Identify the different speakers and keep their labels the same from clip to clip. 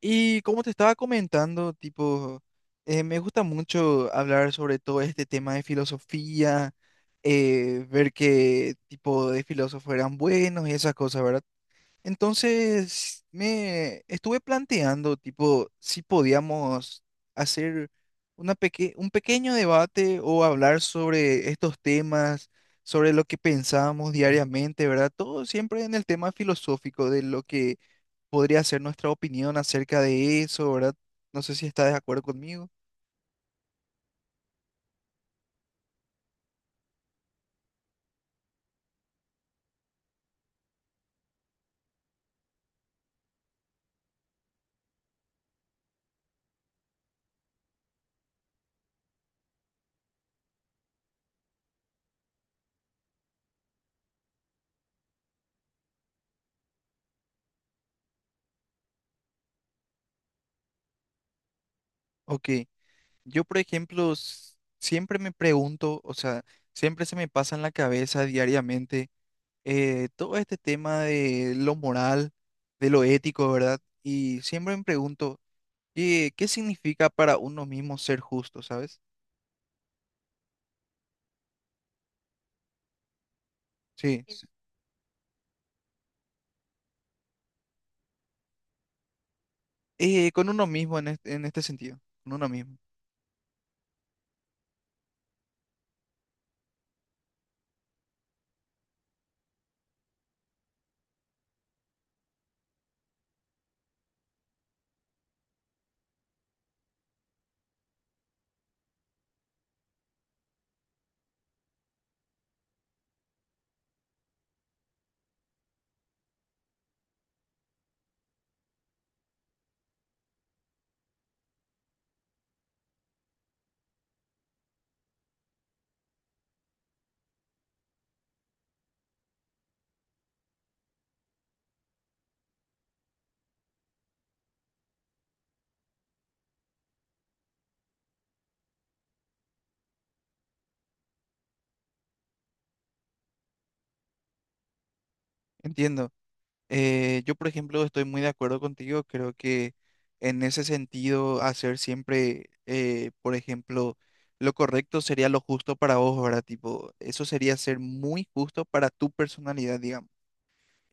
Speaker 1: Y como te estaba comentando, tipo, me gusta mucho hablar sobre todo este tema de filosofía, ver qué tipo de filósofos eran buenos y esas cosas, ¿verdad? Entonces, me estuve planteando, tipo, si podíamos hacer una un pequeño debate o hablar sobre estos temas, sobre lo que pensábamos diariamente, ¿verdad? Todo siempre en el tema filosófico de lo que podría ser nuestra opinión acerca de eso, ¿verdad? No sé si está de acuerdo conmigo. Ok, yo por ejemplo siempre me pregunto, o sea, siempre se me pasa en la cabeza diariamente, todo este tema de lo moral, de lo ético, ¿verdad? Y siempre me pregunto, qué significa para uno mismo ser justo?, ¿sabes? Sí, con uno mismo en en este sentido, con uno mismo. Entiendo. Yo, por ejemplo, estoy muy de acuerdo contigo. Creo que en ese sentido, hacer siempre, por ejemplo, lo correcto sería lo justo para vos, ¿verdad? Tipo, eso sería ser muy justo para tu personalidad, digamos.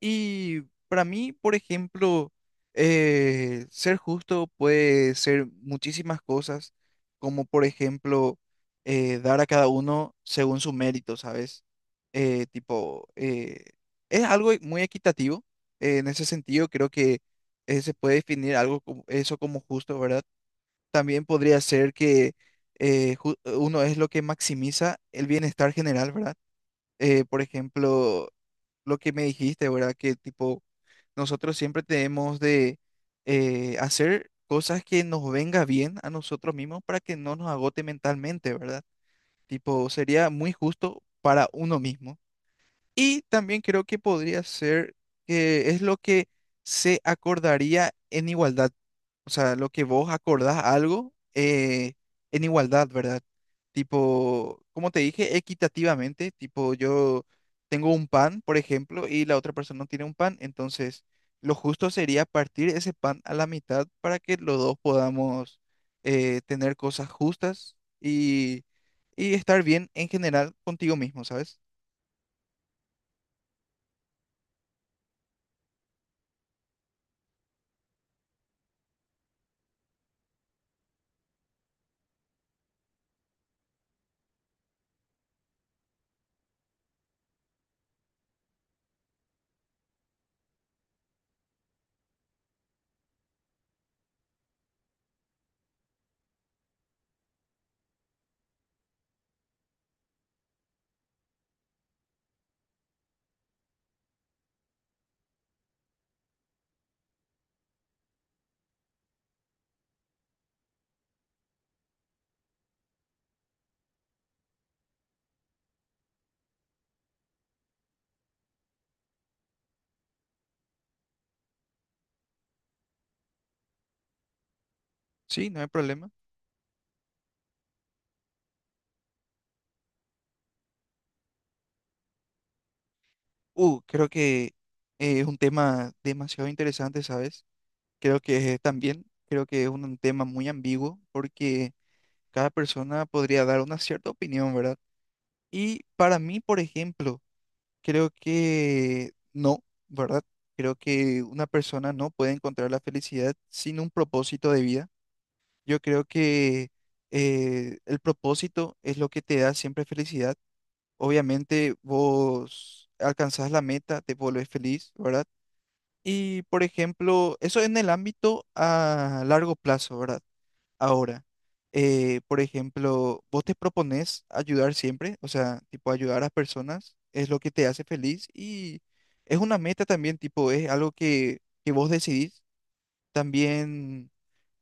Speaker 1: Y para mí, por ejemplo, ser justo puede ser muchísimas cosas, como por ejemplo dar a cada uno según su mérito, ¿sabes? Eh, tipo, eh, es algo muy equitativo. En ese sentido, creo que se puede definir algo como eso como justo, ¿verdad? También podría ser que uno es lo que maximiza el bienestar general, ¿verdad? Por ejemplo, lo que me dijiste, ¿verdad? Que tipo, nosotros siempre tenemos de hacer cosas que nos venga bien a nosotros mismos para que no nos agote mentalmente, ¿verdad? Tipo, sería muy justo para uno mismo. Y también creo que podría ser que es lo que se acordaría en igualdad. O sea, lo que vos acordás algo en igualdad, ¿verdad? Tipo, como te dije, equitativamente, tipo, yo tengo un pan, por ejemplo, y la otra persona no tiene un pan, entonces lo justo sería partir ese pan a la mitad para que los dos podamos tener cosas justas y estar bien en general contigo mismo, ¿sabes? Sí, no hay problema. Creo que es un tema demasiado interesante, ¿sabes? Creo que es también, creo que es un tema muy ambiguo porque cada persona podría dar una cierta opinión, ¿verdad? Y para mí, por ejemplo, creo que no, ¿verdad? Creo que una persona no puede encontrar la felicidad sin un propósito de vida. Yo creo que el propósito es lo que te da siempre felicidad. Obviamente vos alcanzás la meta, te volvés feliz, ¿verdad? Y, por ejemplo, eso en el ámbito a largo plazo, ¿verdad? Ahora, por ejemplo, vos te propones ayudar siempre, o sea, tipo ayudar a personas es lo que te hace feliz y es una meta también, tipo, es algo que vos decidís. También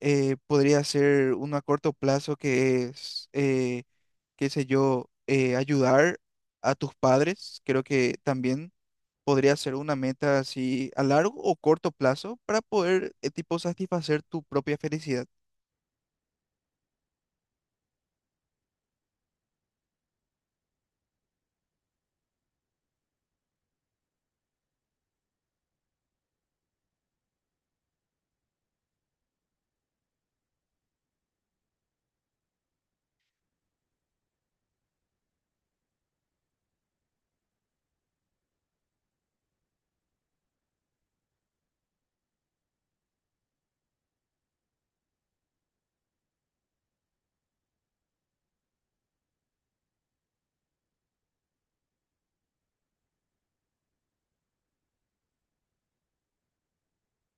Speaker 1: podría ser uno a corto plazo que es, qué sé yo, ayudar a tus padres. Creo que también podría ser una meta así a largo o corto plazo para poder, tipo, satisfacer tu propia felicidad.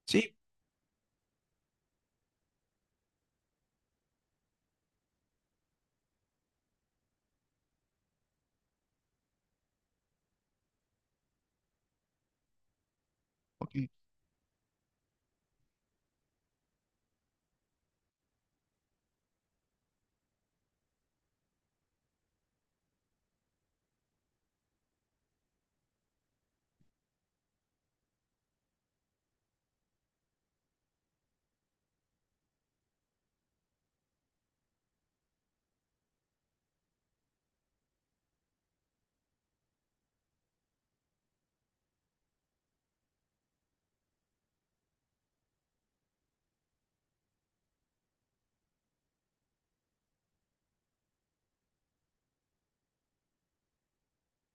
Speaker 1: Sí, ok.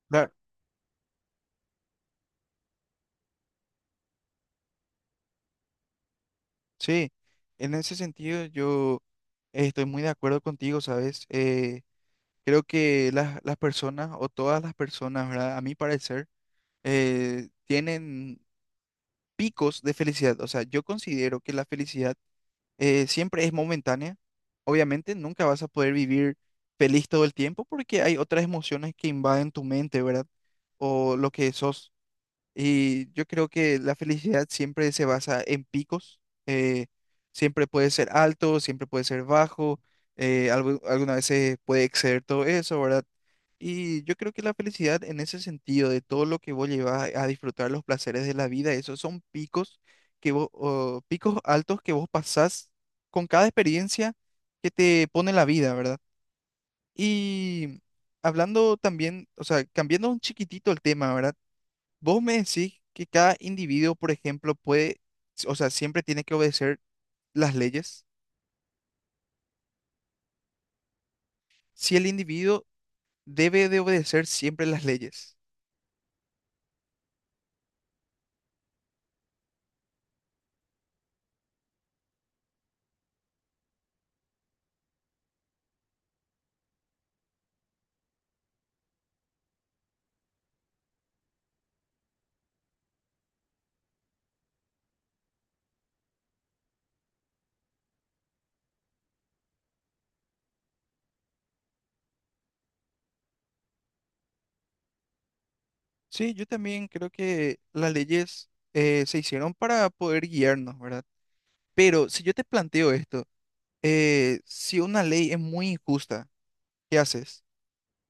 Speaker 1: Claro. Sí, en ese sentido yo, estoy muy de acuerdo contigo, ¿sabes? Creo que las personas o todas las personas, ¿verdad? A mi parecer, tienen picos de felicidad. O sea, yo considero que la felicidad siempre es momentánea. Obviamente nunca vas a poder vivir feliz todo el tiempo porque hay otras emociones que invaden tu mente, ¿verdad? O lo que sos. Y yo creo que la felicidad siempre se basa en picos, eh, siempre puede ser alto, siempre puede ser bajo, algunas veces puede exceder todo eso, ¿verdad? Y yo creo que la felicidad en ese sentido, de todo lo que vos llevas a disfrutar los placeres de la vida, esos son picos que vos, o picos altos que vos pasás con cada experiencia que te pone la vida, ¿verdad? Y hablando también, o sea, cambiando un chiquitito el tema, ¿verdad? Vos me decís que cada individuo, por ejemplo, puede, o sea, siempre tiene que obedecer las leyes. Si el individuo debe de obedecer siempre las leyes. Sí, yo también creo que las leyes se hicieron para poder guiarnos, ¿verdad? Pero si yo te planteo esto, si una ley es muy injusta, ¿qué haces?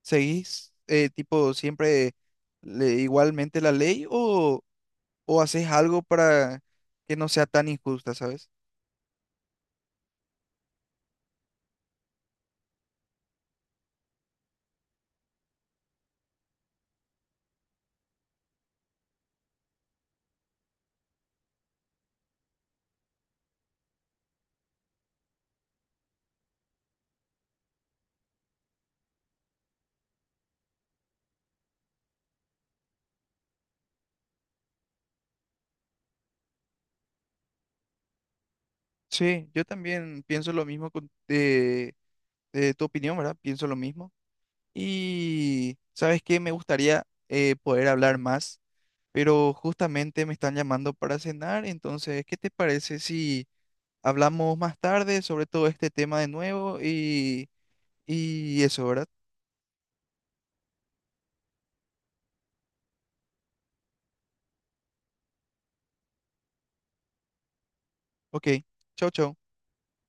Speaker 1: ¿Seguís tipo siempre igualmente la ley, o haces algo para que no sea tan injusta?, ¿sabes? Sí, yo también pienso lo mismo de tu opinión, ¿verdad? Pienso lo mismo. Y, ¿sabes qué? Me gustaría, poder hablar más, pero justamente me están llamando para cenar, entonces, ¿qué te parece si hablamos más tarde sobre todo este tema de nuevo y eso, verdad? Ok, chau, chau.